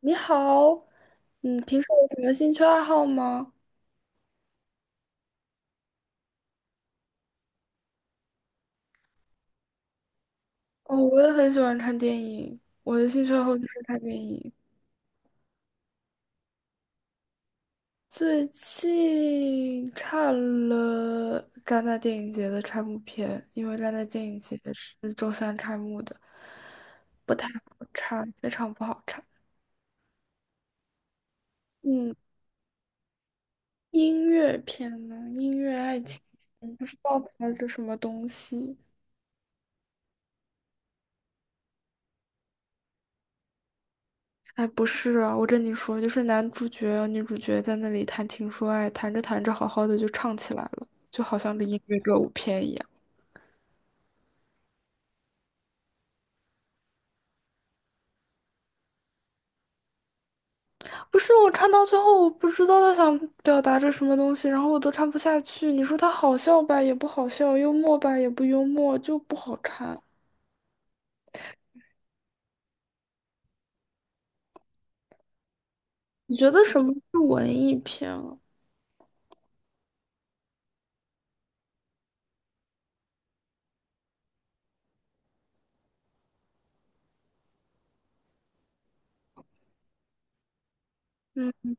你好，嗯，平时有什么兴趣爱好吗？哦，我也很喜欢看电影，我的兴趣爱好就是看电影。最近看了戛纳电影节的开幕片，因为戛纳电影节是周三开幕的，不太好看，非常不好看。嗯，音乐片呢？音乐爱情，不知道拍的什么东西。哎，不是啊，我跟你说，就是男主角、女主角在那里谈情说爱，谈着谈着，好好的就唱起来了，就好像是音乐歌舞片一样。不是，我看到最后，我不知道他想表达着什么东西，然后我都看不下去。你说他好笑吧，也不好笑；幽默吧，也不幽默，就不好看。你觉得什么是文艺片啊？嗯，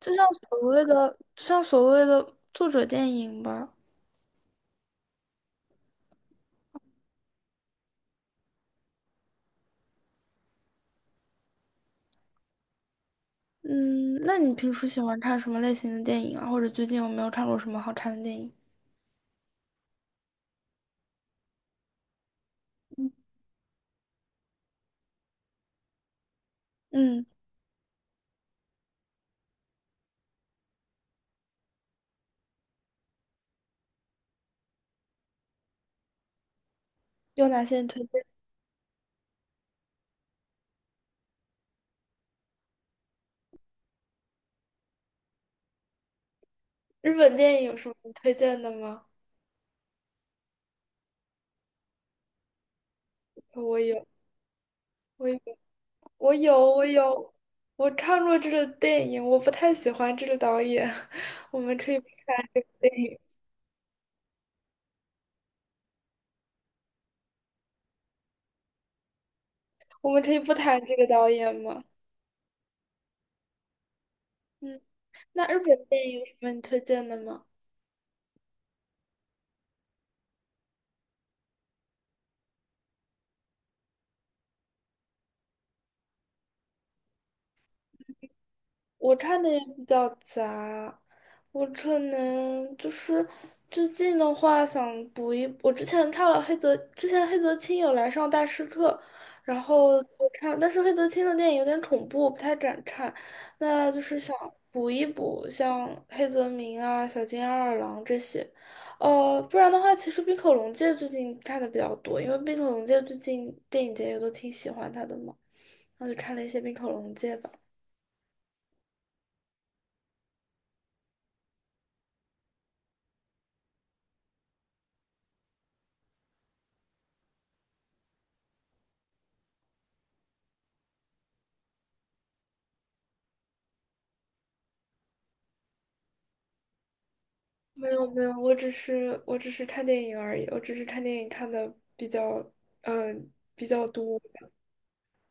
就像所谓的作者电影吧。嗯，那你平时喜欢看什么类型的电影啊？或者最近有没有看过什么好看的电影？嗯，有哪些你推荐？日本电影有什么你推荐的吗？我有，我有，我有，我有，我看过这个电影，我不太喜欢这个导演。我们可以不电影，我们可以不谈这个导演吗？嗯，那日本电影有什么你推荐的吗？我看的也比较杂，我可能就是最近的话想补一，我之前看了黑泽，之前黑泽清有来上大师课，然后但是黑泽清的电影有点恐怖，我不太敢看，那就是想补一补像黑泽明啊、小津安二郎这些，不然的话，其实冰口龙介最近看的比较多，因为冰口龙介最近电影节也都挺喜欢他的嘛，然后就看了一些冰口龙介吧。没有没有，我只是看电影而已，我只是看电影看的比较多。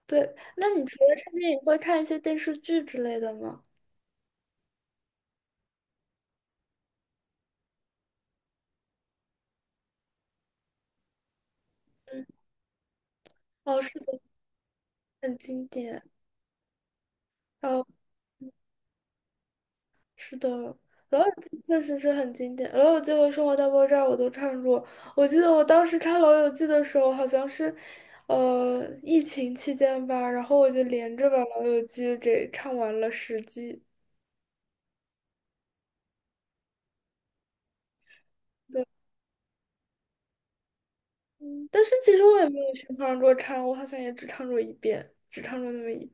对，那你除了看电影，会看一些电视剧之类的吗？嗯，哦，是的，很经典。哦，是的，《老友记》确实是很经典，《老友记》和《生活大爆炸》我都看过。我记得我当时看《老友记》的时候，好像是疫情期间吧，然后我就连着把《老友记》给看完了10季。嗯但是其实我也没有去唱过唱，我好像也只唱过一遍，只唱过那么一遍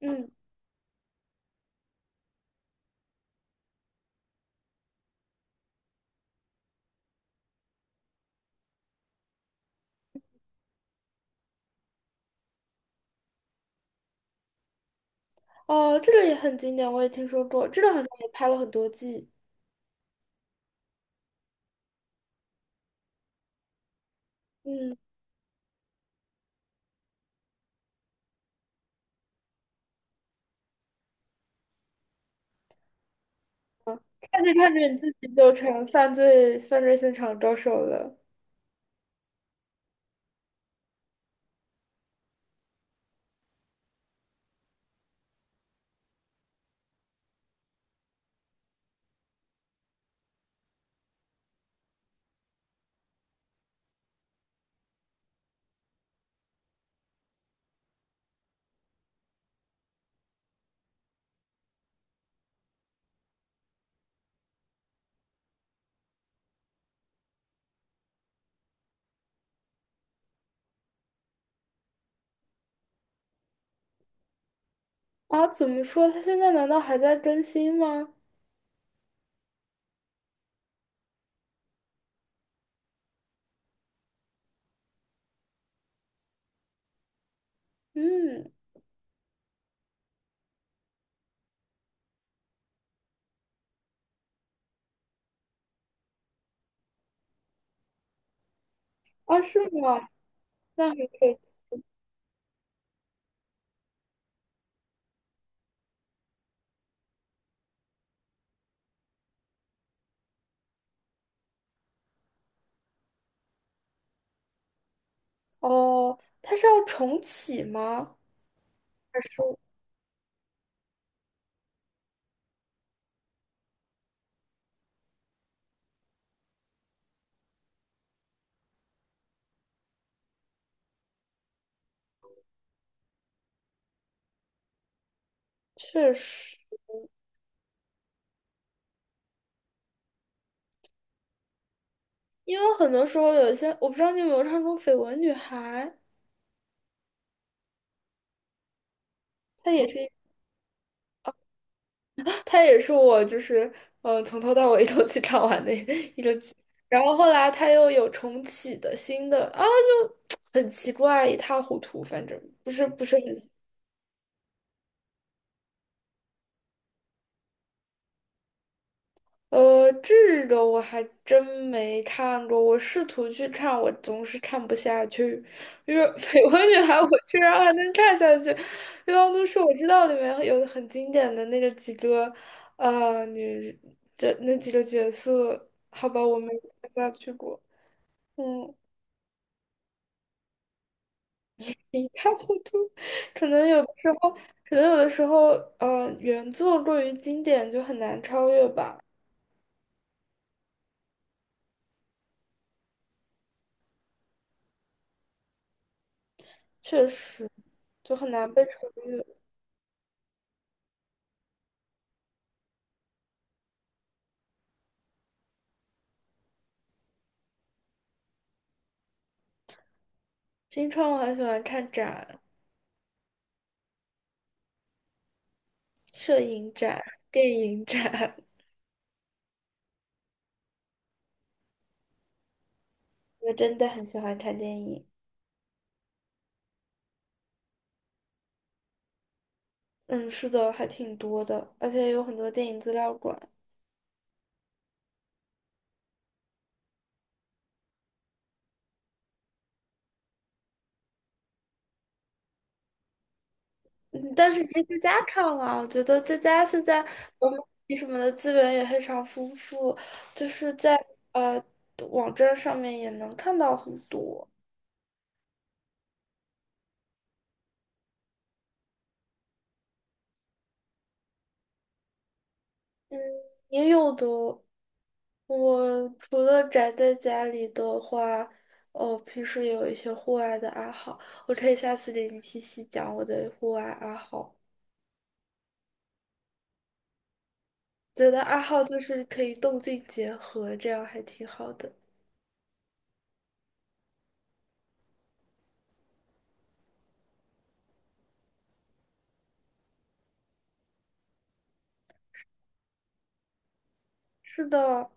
嗯，哦，这个也很经典，我也听说过，这个好像也拍了很多季。嗯，看着看着你自己就成犯罪现场高手了啊？怎么说？他现在难道还在更新吗？嗯，啊，是吗？那很可惜哦，他是要重启吗？还是确实，因为很多时候有一些，我不知道你有没有看过《绯闻女孩》，它也是。它也是我就是从头到尾 一口气看完的 一个剧，然后后来它又有重启的新的啊，就很奇怪，一塌糊涂，反正不是很这个我还真没看过，我试图去看，我总是看不下去，因为《<laughs> 绯闻女孩》我居然还能看下去，一望都是我知道里面有很经典的那个几个女这那几个角色，好吧，我没看下去过。嗯，一塌糊涂。可能有的时候，可能有的时候，原作过于经典就很难超越吧，确实就很难被超越。平常我很喜欢看展、摄影展、电影展，我真的很喜欢看电影。嗯，是的，还挺多的，而且有很多电影资料馆。嗯但是可以在家看啊，我觉得在家现在我们什么的资源也非常丰富，就是在呃网站上面也能看到很多。嗯，也有的。我除了宅在家里的话，哦，平时也有一些户外的爱好，我可以下次给你细细讲我的户外爱好。觉得爱好就是可以动静结合，这样还挺好的。是的，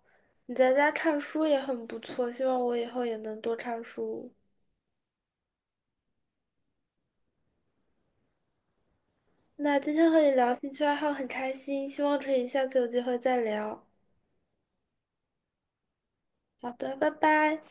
你在家看书也很不错，希望我以后也能多看书。那今天和你聊兴趣爱好很开心，希望可以下次有机会再聊。好的，拜拜。